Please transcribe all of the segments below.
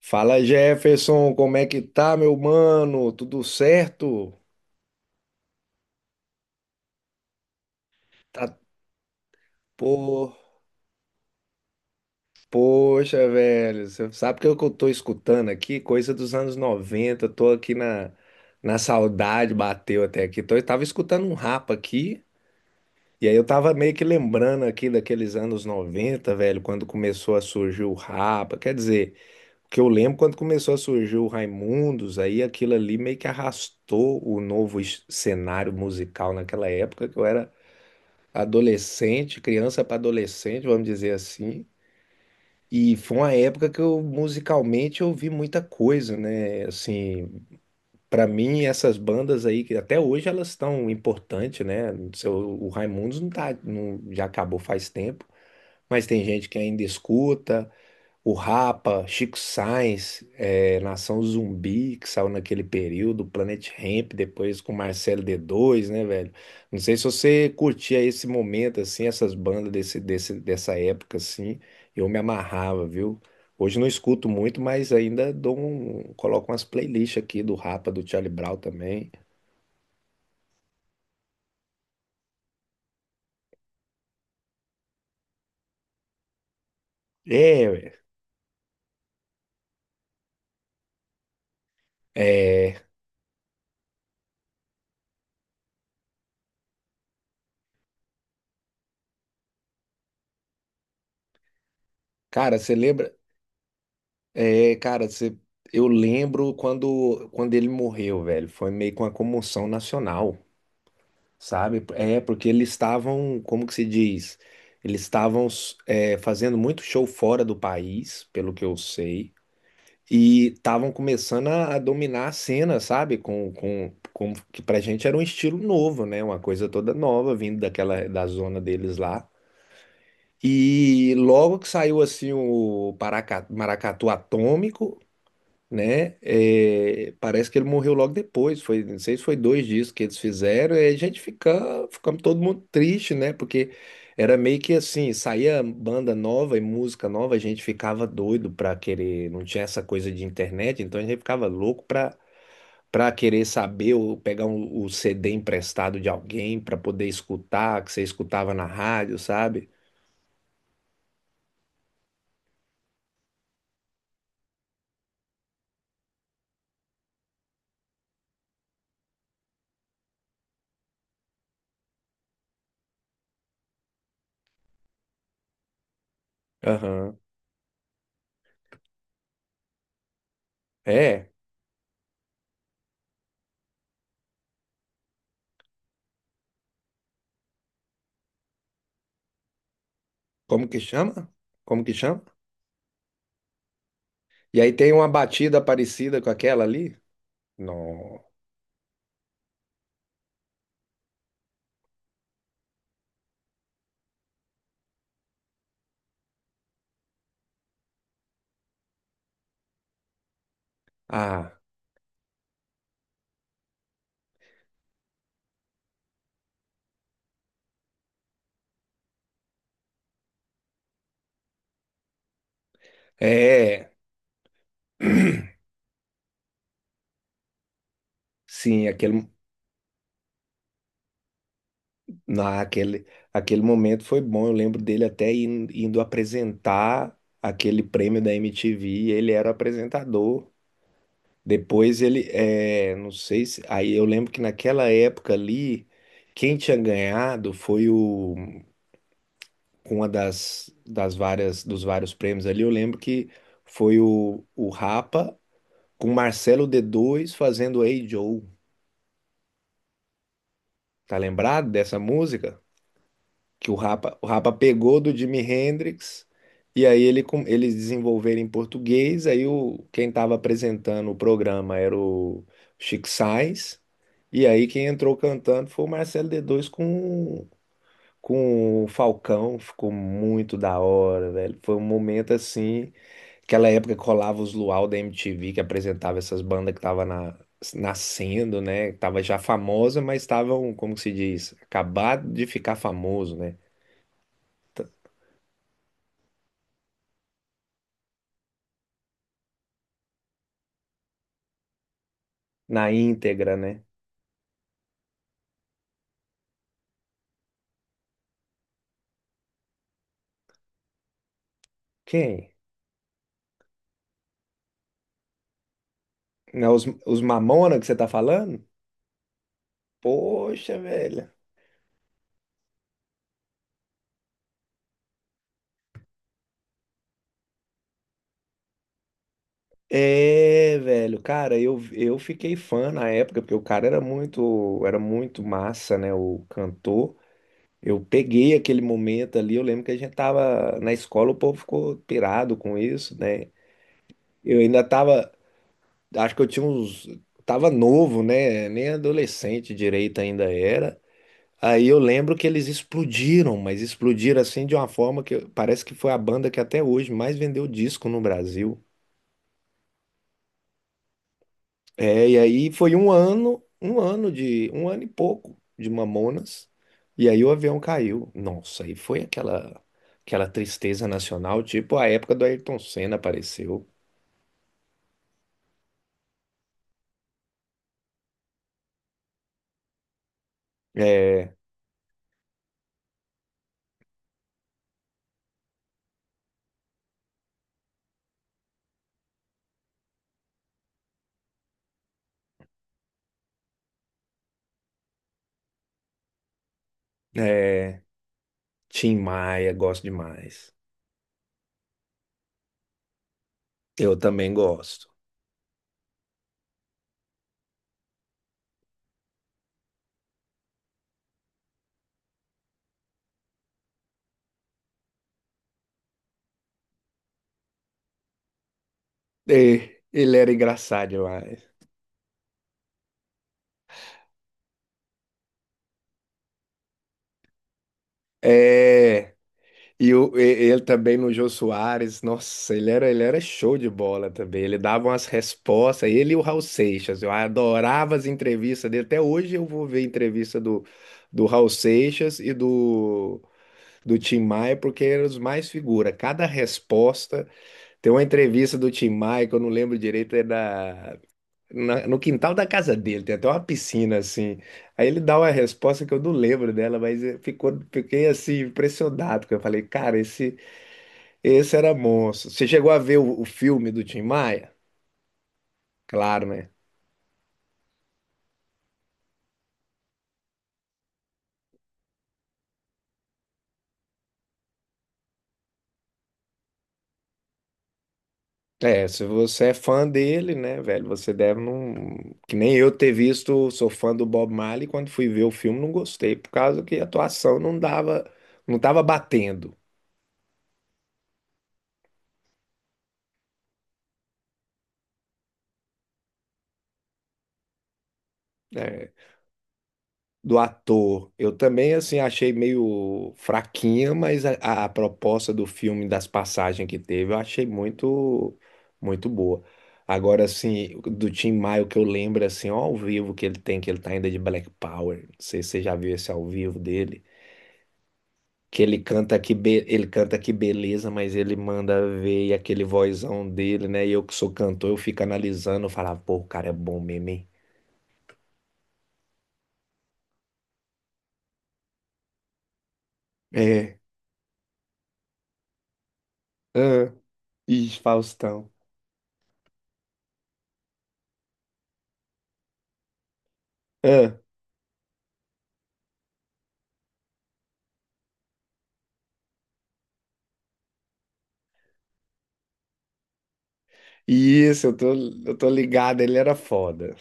Fala, Jefferson, como é que tá, meu mano? Tudo certo? Tá, pô, poxa, velho, você sabe que eu tô escutando aqui? Coisa dos anos 90? Tô aqui na, na saudade, bateu até aqui. Tô, eu tava escutando um rapa aqui, e aí eu tava meio que lembrando aqui daqueles anos 90, velho, quando começou a surgir o rapa, quer dizer, o que eu lembro quando começou a surgir o Raimundos, aí aquilo ali meio que arrastou o novo cenário musical naquela época, que eu era adolescente, criança para adolescente, vamos dizer assim. E foi uma época que eu musicalmente ouvi muita coisa, né? Assim, para mim essas bandas aí que até hoje elas estão importantes, né? O Raimundos não tá, já acabou faz tempo, mas tem gente que ainda escuta. O Rapa, Chico Sainz, Nação Zumbi, que saiu naquele período, Planet Hemp, depois com Marcelo D2, né, velho? Não sei se você curtia esse momento, assim, essas bandas dessa época, assim, eu me amarrava, viu? Hoje não escuto muito, mas ainda coloco umas playlists aqui do Rapa, do Charlie Brown também. É, ué. É, cara, você lembra? É, cara, eu lembro quando ele morreu, velho. Foi meio que uma comoção nacional, sabe? É, porque eles estavam, como que se diz? Eles estavam fazendo muito show fora do país, pelo que eu sei, e estavam começando a dominar a cena, sabe? Com que pra gente era um estilo novo, né? Uma coisa toda nova, vindo daquela da zona deles lá. E logo que saiu assim o Maracatu Atômico, né? É, parece que ele morreu logo depois, foi, não sei se foi dois dias que eles fizeram, e ficamos todo mundo triste, né? Porque era meio que assim, saía banda nova e música nova, a gente ficava doido pra querer, não tinha essa coisa de internet, então a gente ficava louco pra para querer saber ou pegar o CD emprestado de alguém pra poder escutar, que você escutava na rádio, sabe? Aham. É, como que chama? Como que chama? E aí tem uma batida parecida com aquela ali? Não. Ah, é, sim, na, aquele, aquele momento foi bom. Eu lembro dele até indo apresentar aquele prêmio da MTV. E ele era o apresentador. Depois ele, não sei se. Aí eu lembro que naquela época ali, quem tinha ganhado foi o, uma das, das várias, dos vários prêmios ali. Eu lembro que foi o Rapa com Marcelo d dois fazendo Hey Joe. Tá lembrado dessa música? Que o Rapa pegou do Jimi Hendrix e aí eles desenvolveram em português, aí o quem estava apresentando o programa era o Chico Sainz, e aí quem entrou cantando foi o Marcelo D2 com o Falcão, ficou muito da hora, velho. Foi um momento assim, aquela época que rolava os Luau da MTV que apresentava essas bandas que tava na nascendo, né? Que tava já famosa, mas estavam, como que se diz, acabado de ficar famoso, né? Na íntegra, né? Quem? Né, os Mamona que você tá falando? Poxa, velho. É, velho, cara, eu fiquei fã na época, porque o cara era muito massa, né? O cantor. Eu peguei aquele momento ali, eu lembro que a gente tava na escola, o povo ficou pirado com isso, né? Eu ainda tava, acho que eu tinha uns, tava novo, né? Nem adolescente direito ainda era. Aí eu lembro que eles explodiram, mas explodiram assim de uma forma que parece que foi a banda que até hoje mais vendeu disco no Brasil. É, e aí foi um ano, um ano e pouco de Mamonas. E aí o avião caiu. Nossa, aí foi aquela tristeza nacional, tipo a época do Ayrton Senna apareceu. É, é, Tim Maia, gosto demais. Eu também gosto. É, ele era engraçado demais. É, E o- e- ele também no Jô Soares, nossa, ele era show de bola também. Ele dava umas respostas, ele e o Raul Seixas. Eu adorava as entrevistas dele. Até hoje eu vou ver entrevista do Raul Seixas e do Tim Maia, porque eram os mais figura. Cada resposta. Tem uma entrevista do Tim Maia que eu não lembro direito, no quintal da casa dele, tem até uma piscina assim. Aí ele dá uma resposta que eu não lembro dela, mas ficou, fiquei assim impressionado, porque eu falei, cara, esse. Esse era monstro. Você chegou a ver o filme do Tim Maia? Claro, né? É, se você é fã dele, né, velho, você deve não. Que nem eu ter visto, sou fã do Bob Marley, quando fui ver o filme não gostei, por causa que a atuação não dava, não tava batendo. Né? Do ator. Eu também assim achei meio fraquinha, mas a proposta do filme, das passagens que teve, eu achei muito muito boa. Agora assim, do Tim Maia o que eu lembro assim, ó, ao vivo que ele tem, que ele tá ainda de Black Power. Não sei se você já viu esse ao vivo dele, que ele canta ele canta que beleza, mas ele manda ver e aquele vozão dele, né? E eu que sou cantor, eu fico analisando, eu falava, pô, o cara é bom mesmo, hein? É. Ah, ixi, Faustão. Isso, eu tô ligado, ele era foda.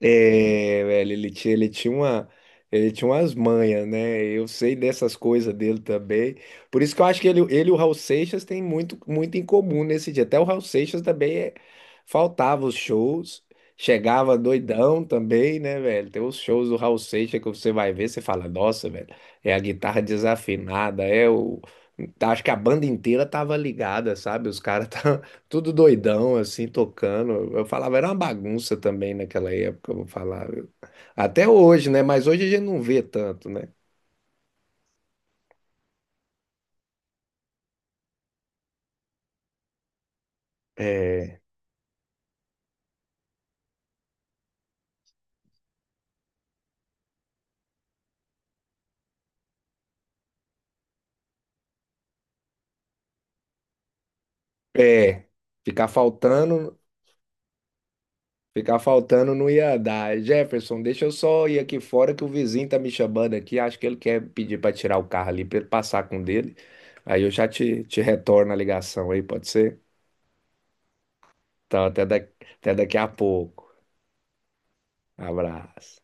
É, velho, ele tinha umas manhas, né? Eu sei dessas coisas dele também. Por isso que eu acho que ele e o Raul Seixas têm muito, muito em comum nesse dia. Até o Raul Seixas também faltava os shows, chegava doidão também, né, velho? Tem os shows do Raul Seixas que você vai ver, você fala, nossa, velho, é a guitarra desafinada, é o. Tá, acho que a banda inteira tava ligada, sabe? Os caras tudo doidão, assim, tocando. Eu falava, era uma bagunça também naquela época, eu vou falar. Até hoje, né? Mas hoje a gente não vê tanto, né? É, é, ficar faltando, ficar faltando não ia dar. Jefferson, deixa eu só ir aqui fora que o vizinho tá me chamando aqui. Acho que ele quer pedir para tirar o carro ali para ele passar com o dele. Aí eu já te retorno a ligação aí, pode ser? Então, até daqui a pouco. Abraço.